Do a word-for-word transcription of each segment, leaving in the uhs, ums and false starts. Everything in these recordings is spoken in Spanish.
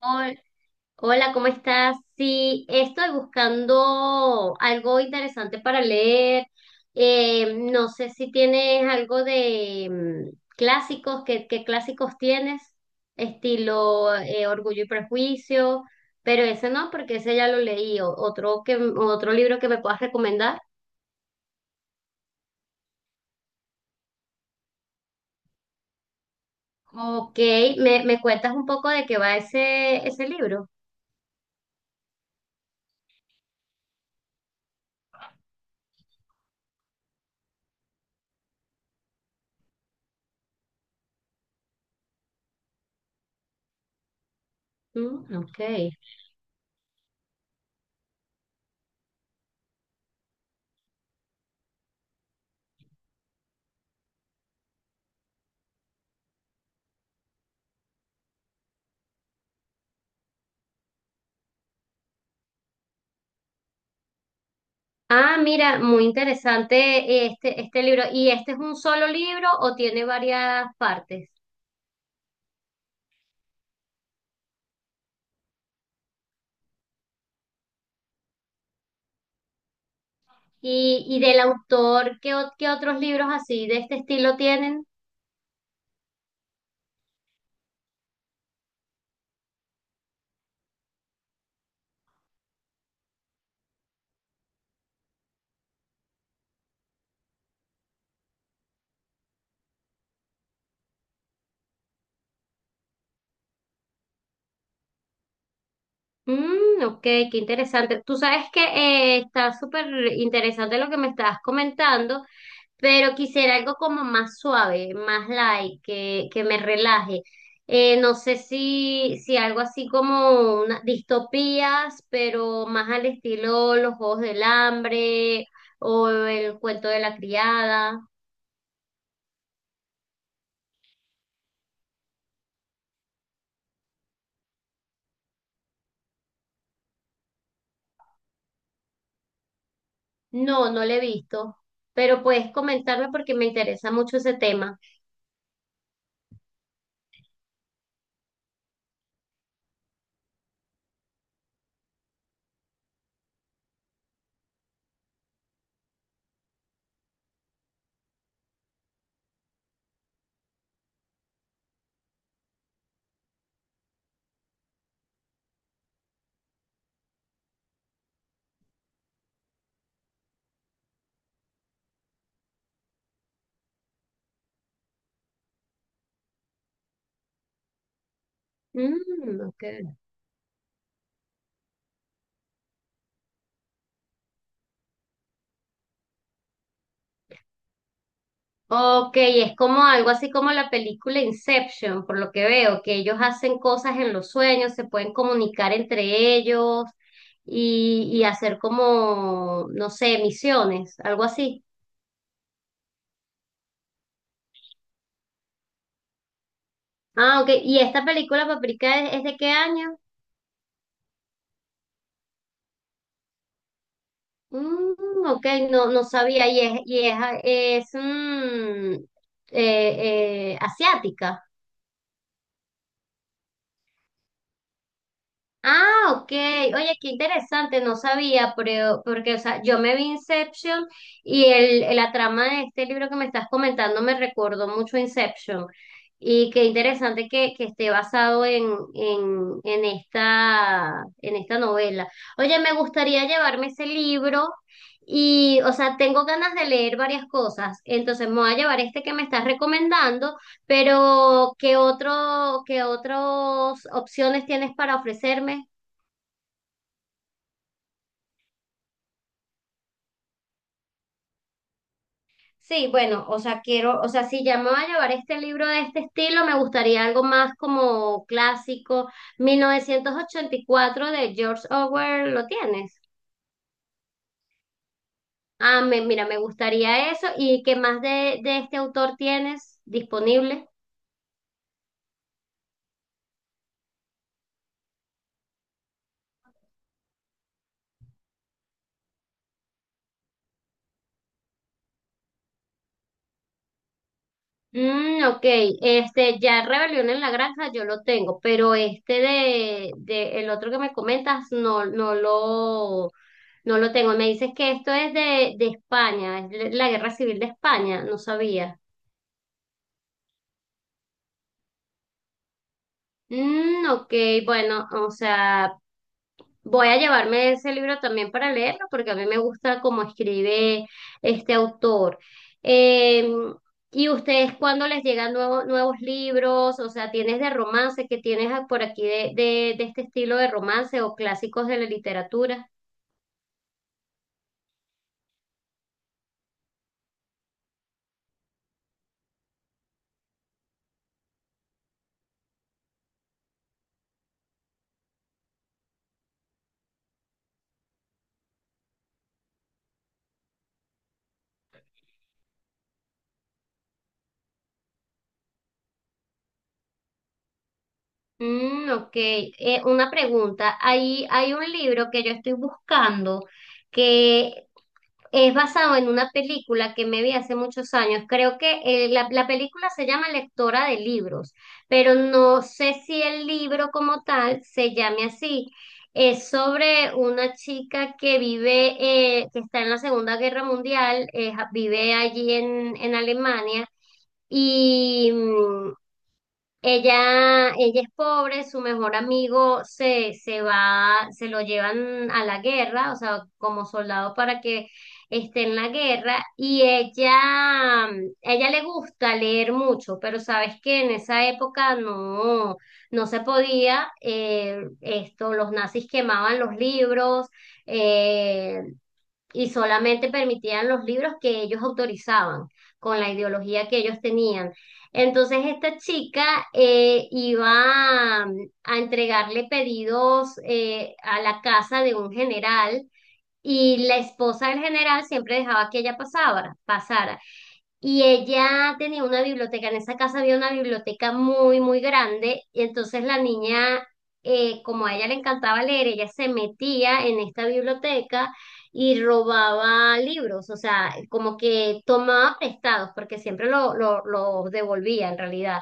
Hol- Hola, ¿cómo estás? Sí, estoy buscando algo interesante para leer. Eh, no sé si tienes algo de mm, clásicos, ¿qué, qué clásicos tienes? Estilo eh, Orgullo y Prejuicio, pero ese no, porque ese ya lo leí. O- otro que, otro libro que me puedas recomendar. Ok, ¿me, me cuentas un poco de qué va ese, ese libro? Mm, ok. Ah, mira, muy interesante este, este libro. ¿Y este es un solo libro o tiene varias partes? Y, y del autor, ¿qué, o- ¿qué otros libros así de este estilo tienen? Mm, ok, qué interesante. Tú sabes que eh, está súper interesante lo que me estás comentando, pero quisiera algo como más suave, más light, que, que me relaje. Eh, no sé si, si algo así como una, distopías, pero más al estilo Los Juegos del Hambre o El Cuento de la Criada. No, no lo he visto, pero puedes comentarme porque me interesa mucho ese tema. Mm, ok. Ok, es como algo así como la película Inception, por lo que veo, que ellos hacen cosas en los sueños, se pueden comunicar entre ellos y, y hacer como, no sé, misiones, algo así. Ah, ok, ¿y esta película, Paprika, es, es de qué año? Mm, ok, no, no sabía, y es, y es, es mm, eh, eh, asiática. Ah, ok. Oye, qué interesante, no sabía, pero porque, o sea, yo me vi Inception y el, la trama de este libro que me estás comentando me recordó mucho a Inception. Y qué interesante que, que esté basado en, en, en esta, en esta novela. Oye, me gustaría llevarme ese libro y, o sea, tengo ganas de leer varias cosas. Entonces me voy a llevar este que me estás recomendando pero, ¿qué otro, ¿qué otras opciones tienes para ofrecerme? Sí, bueno, o sea, quiero, o sea, si ya me voy a llevar este libro de este estilo, me gustaría algo más como clásico. mil novecientos ochenta y cuatro de George Orwell, ¿lo tienes? Ah, me- mira, me gustaría eso. ¿Y qué más de, de este autor tienes disponible? Mm, ok, este ya Rebelión en la Granja yo lo tengo, pero este de, de el otro que me comentas no, no lo, no lo tengo. Me dices que esto es de, de España, es la la Guerra Civil de España, no sabía. Mm, ok, bueno, o sea, voy a llevarme ese libro también para leerlo porque a mí me gusta cómo escribe este autor. Eh, ¿Y ustedes cuándo les llegan nuevo- nuevos libros? O sea, ¿tienes de romance que tienes por aquí de, de de este estilo de romance o clásicos de la literatura? Mm, ok. Eh, una pregunta. Ahí hay un libro que yo estoy buscando que es basado en una película que me vi hace muchos años. Creo que eh, la, la película se llama Lectora de Libros, pero no sé si el libro como tal se llame así. Es sobre una chica que vive, eh, que está en la Segunda Guerra Mundial, eh, vive allí en, en Alemania. Y, mm, ella, ella es pobre, su mejor amigo se, se va, se lo llevan a la guerra, o sea, como soldado para que esté en la guerra, y ella, ella le gusta leer mucho, pero sabes que en esa época no, no se podía, eh, esto, los nazis quemaban los libros, eh, y solamente permitían los libros que ellos autorizaban, con la ideología que ellos tenían. Entonces esta chica eh, iba a, a entregarle pedidos eh, a la casa de un general y la esposa del general siempre dejaba que ella pasara, pasara. Y ella tenía una biblioteca, en esa casa había una biblioteca muy, muy grande, y entonces la niña, eh, como a ella le encantaba leer, ella se metía en esta biblioteca y robaba libros, o sea, como que tomaba prestados, porque siempre lo, lo, lo devolvía en realidad.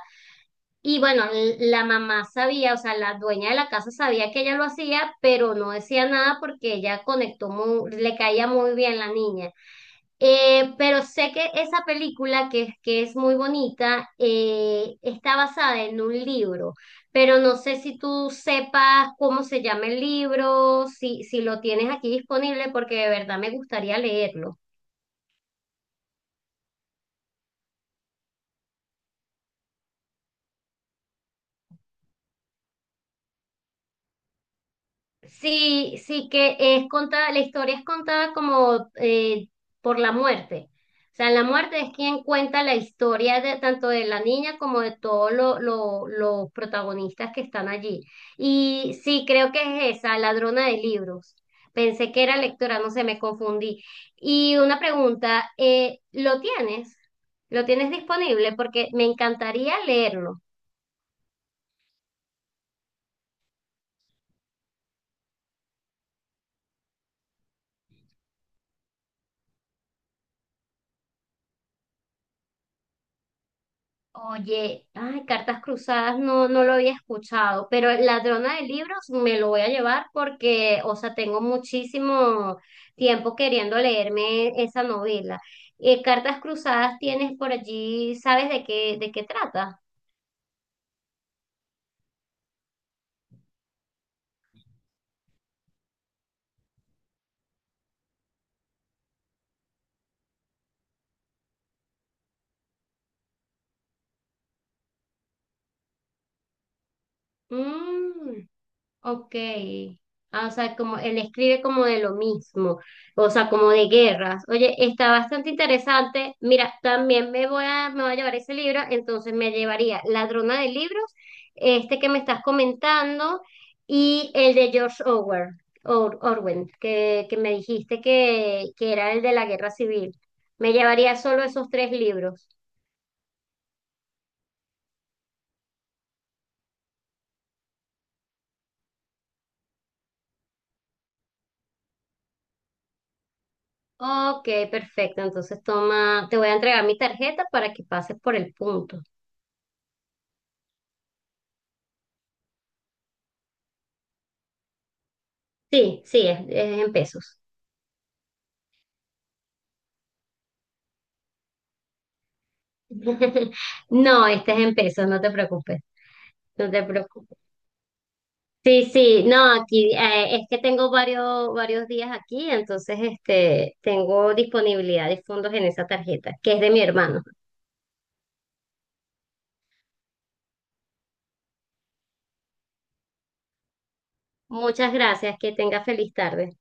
Y bueno, l- la mamá sabía, o sea, la dueña de la casa sabía que ella lo hacía, pero no decía nada porque ella conectó muy, le caía muy bien la niña. Eh, pero sé que esa película, que, es- que es muy bonita, eh, está basada en un libro, pero no sé si tú sepas cómo se llama el libro, si, si lo tienes aquí disponible, porque de verdad me gustaría leerlo. Sí, sí que es contada, la historia es contada como eh, por la muerte. O sea, la muerte es quien cuenta la historia de, tanto de la niña como de todos lo- lo- los protagonistas que están allí. Y sí, creo que es esa, ladrona de libros. Pensé que era lectora, no sé, me confundí. Y una pregunta, eh, ¿lo tienes? ¿Lo tienes disponible? Porque me encantaría leerlo. Oye, ay, Cartas Cruzadas no, no lo había escuchado, pero Ladrona de Libros me lo voy a llevar porque, o sea, tengo muchísimo tiempo queriendo leerme esa novela. Eh, Cartas Cruzadas tienes por allí, ¿sabes de qué, de qué trata? Mm. Ok. Ah, o sea, como él escribe como de lo mismo, o sea, como de guerras. Oye, está bastante interesante. Mira, también me voy a, me voy a llevar ese libro, entonces me llevaría Ladrona de Libros, este que me estás comentando, y el de George Orwell, Or- Orwell, que, que me dijiste que, que era el de la Guerra Civil. Me llevaría solo esos tres libros. Ok, perfecto. Entonces toma, te voy a entregar mi tarjeta para que pases por el punto. Sí, sí, es, es en pesos. No, este es en pesos, no te preocupes, no te preocupes. Sí, sí, no, aquí eh, es que tengo varios, varios días aquí, entonces este, tengo disponibilidad de fondos en esa tarjeta, que es de mi hermano. Muchas gracias, que tenga feliz tarde.